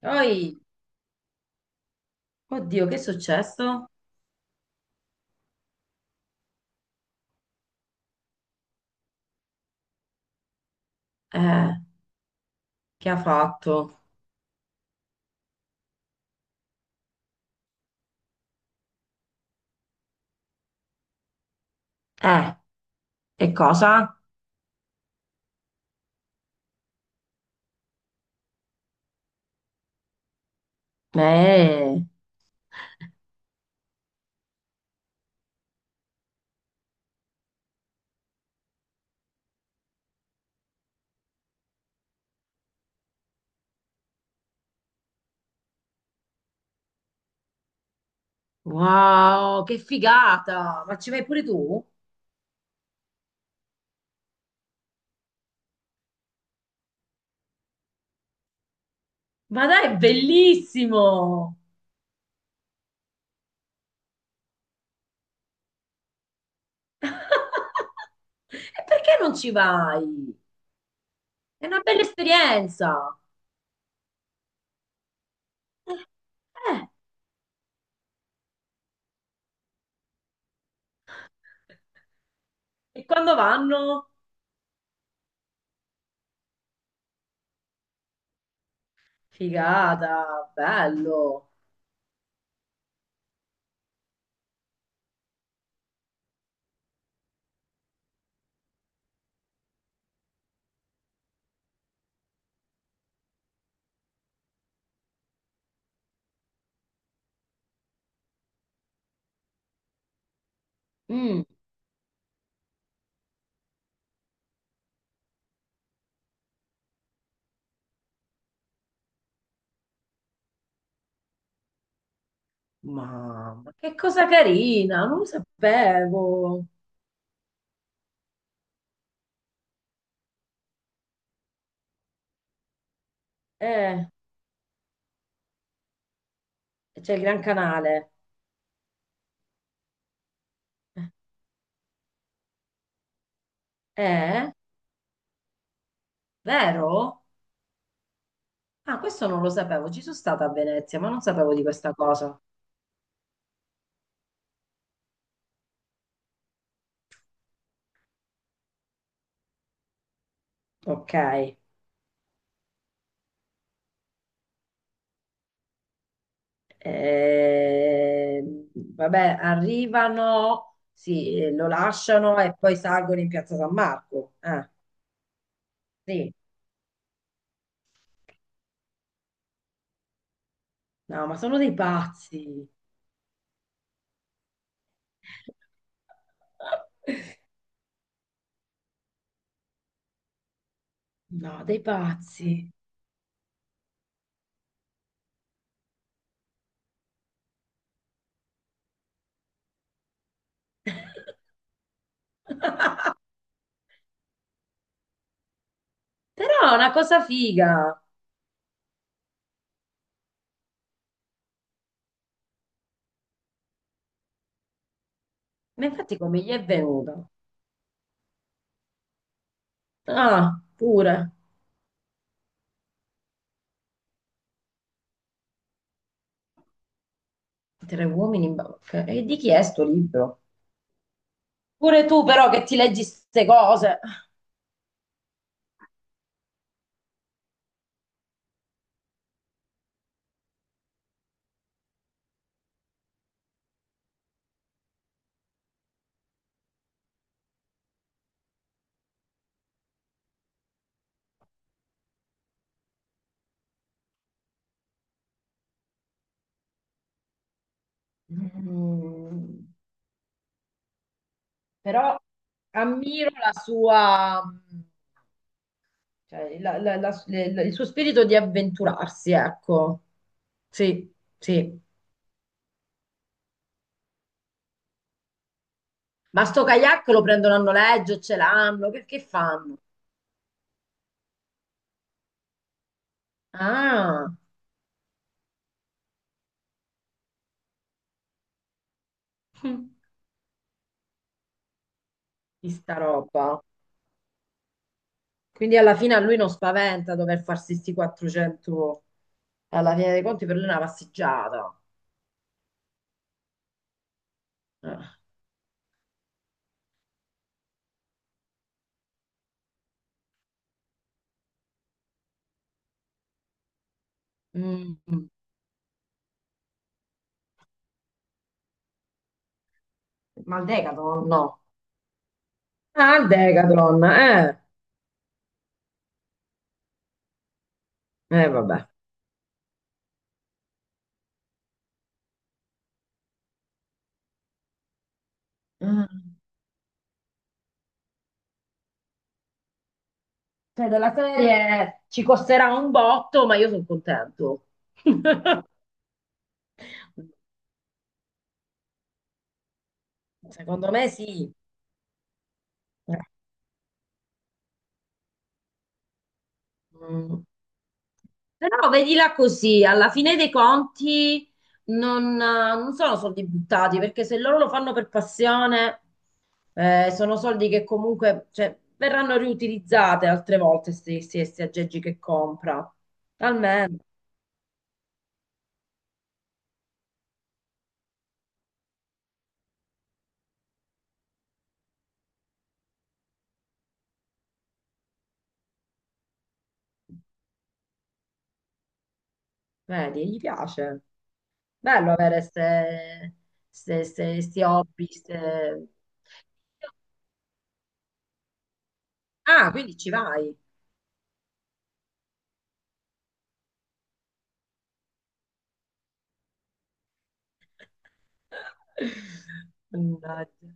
Poi, oddio, che è successo? Eh, che ha fatto? Eh, e cosa? Eh, wow, che figata! Ma ci vai pure tu? Ma dai, è bellissimo! E perché non ci vai? È una bella esperienza! Eh, e quando vanno? Figata, bello! Mm, mamma, che cosa carina, non lo sapevo! Eh. C'è il Gran Canale. Eh? Vero? Ah, questo non lo sapevo. Ci sono stata a Venezia, ma non sapevo di questa cosa. Ok. Vabbè, arrivano, sì, lo lasciano e poi salgono in Piazza San Marco. Sì. No, ma sono dei pazzi. No, dei pazzi. Però è una cosa figa. Ma infatti come gli è venuta? Ah, pure. Tre uomini in banca. E di chi è sto libro? Pure tu però che ti leggi queste cose. Mm, però ammiro la sua, cioè, la- la- la- le- la- il suo spirito di avventurarsi, ecco. Sì, sì. Ma sto kayak lo prendono a noleggio, ce l'hanno, che fanno? Ah, hm, di sta roba. Quindi alla fine a lui non spaventa dover farsi sti 400, alla fine dei conti per lui è una passeggiata. Eh. Mm, ma il Decathlon no. Ah, il Decathlon, eh. Vabbè. Mm, cioè, della serie ci costerà un botto, ma io sono contento. Secondo me sì. Eh. Mm. Però vedila così, alla fine dei conti non, non sono soldi buttati, perché se loro lo fanno per passione, sono soldi che comunque, cioè, verranno riutilizzate altre volte, questi aggeggi che compra. Almeno. Vedi, gli piace. Bello avere ste, ste, ste- sti hobby. Ste- Ah, quindi ci vai. Mannaggia.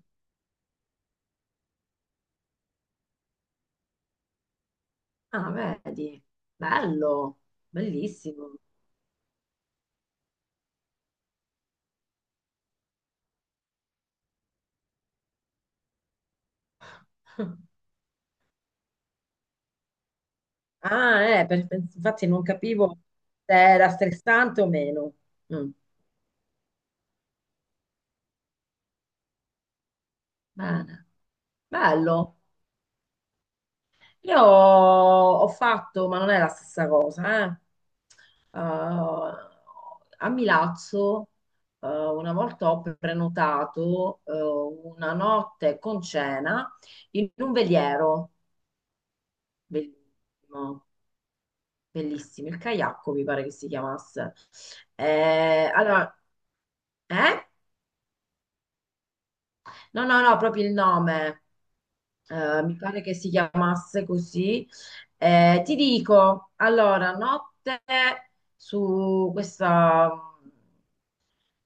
Ah, vedi. Bello, bellissimo. Ah, per- infatti non capivo se era stressante o meno. Mm, bene. Bello. Io ho fatto, ma non è la stessa cosa, eh. A Milazzo, una volta ho prenotato, una notte con cena in un veliero, bellissimo, bellissimo, il Caiacco mi pare che si chiamasse. Allora, eh? No, no, no, proprio il nome. Mi pare che si chiamasse così. Ti dico, allora, notte su questa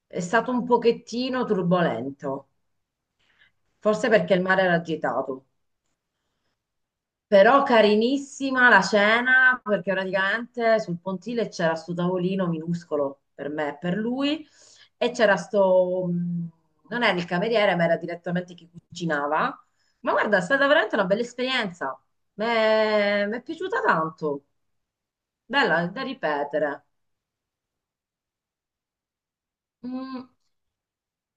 è stato un pochettino turbolento, forse perché il mare era agitato. Però carinissima la cena, perché praticamente sul pontile c'era sto tavolino minuscolo per me e per lui, e c'era sto, non era il cameriere, ma era direttamente chi cucinava. Ma guarda, è stata veramente una bella esperienza. Mi è piaciuta tanto, bella da ripetere. Mm,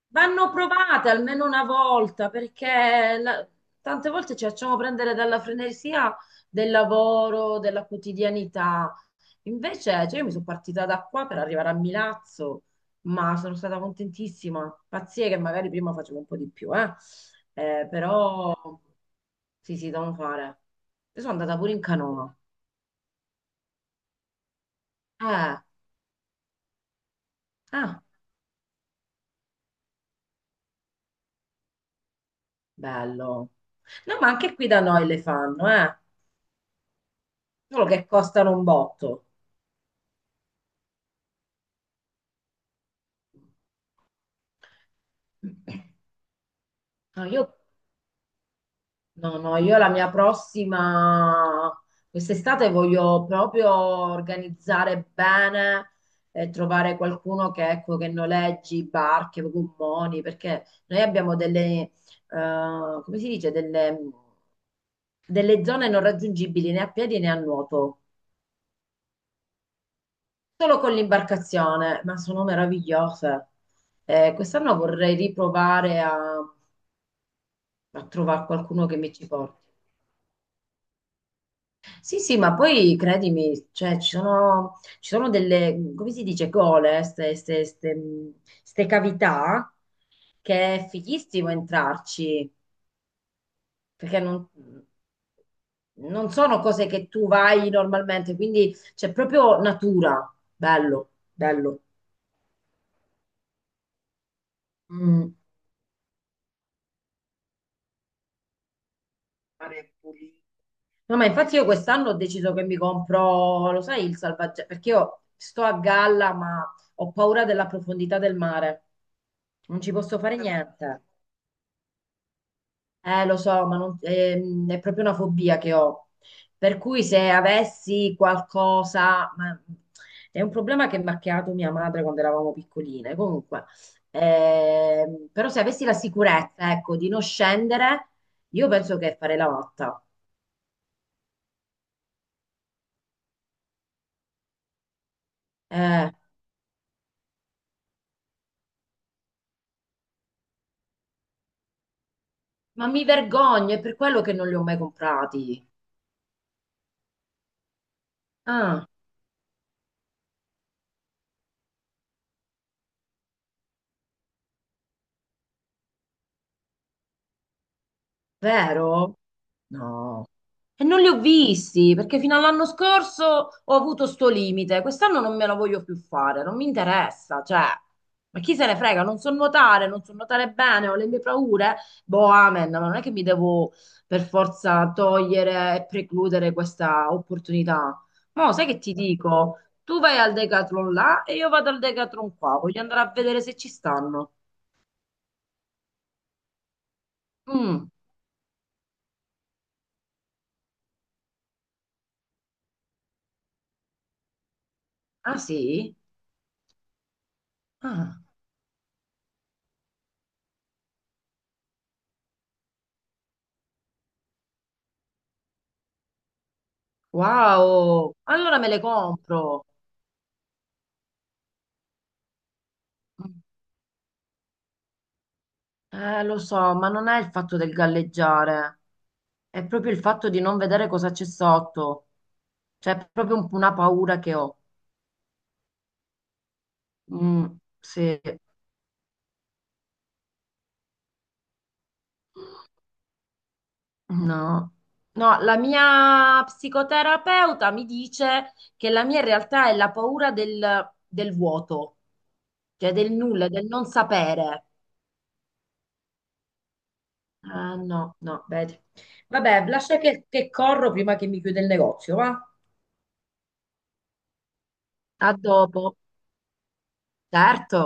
vanno provate almeno una volta, perché la- tante volte ci facciamo prendere dalla frenesia del lavoro, della quotidianità. Invece, cioè, io mi sono partita da qua per arrivare a Milazzo, ma sono stata contentissima. Pazzie che magari prima facevo un po' di più, eh. Però sì, sì, devo fare. Io sono andata pure in canoa. Eh, ah, bello. No, ma anche qui da noi le fanno, eh. Solo che costano un botto. No, io no, no, io la mia prossima, quest'estate voglio proprio organizzare bene e trovare qualcuno che, ecco, che noleggi barche, gommoni, perché noi abbiamo delle, eh, come si dice, delle, delle zone non raggiungibili né a piedi né a nuoto, solo con l'imbarcazione, ma sono meravigliose. Quest'anno vorrei riprovare a, a trovare qualcuno che mi ci porti. Sì, sì, ma poi credimi, cioè, ci sono delle, come si dice, gole, ste, ste- ste- ste cavità, che è fighissimo entrarci, perché non, non sono cose che tu vai normalmente, quindi c'è proprio natura, bello, bello. Mm. Mare pulito. No, ma infatti io quest'anno ho deciso che mi compro, lo sai, il salvagente, perché io sto a galla, ma ho paura della profondità del mare. Non ci posso fare niente. Lo so, ma non- è proprio una fobia che ho. Per cui se avessi qualcosa, ma- è un problema che mi ha creato mia madre quando eravamo piccoline. Comunque, però se avessi la sicurezza, ecco, di non scendere, io penso che farei la matta. Eh, Ma mi vergogno, è per quello che non li ho mai comprati. Ah, vero? No. E non li ho visti, perché fino all'anno scorso ho avuto sto limite. Quest'anno non me la voglio più fare, non mi interessa, cioè. Ma chi se ne frega? Non so nuotare, non so nuotare bene, ho le mie paure. Boh, amen, ma non è che mi devo per forza togliere e precludere questa opportunità. Mo, sai che ti dico? Tu vai al Decathlon là e io vado al Decathlon qua. Voglio andare a vedere se ci stanno. Mm. Ah sì? Ah, wow! Allora me le compro. Lo so, ma non è il fatto del galleggiare, è proprio il fatto di non vedere cosa c'è sotto. Cioè, è proprio un- una paura che ho. Mm, sì, no. No, la mia psicoterapeuta mi dice che la mia in realtà è la paura del, del vuoto, cioè del nulla, del non sapere. Ah, no, no, vedi. Vabbè, lascia che corro prima che mi chiude il negozio, va? A dopo. Certo.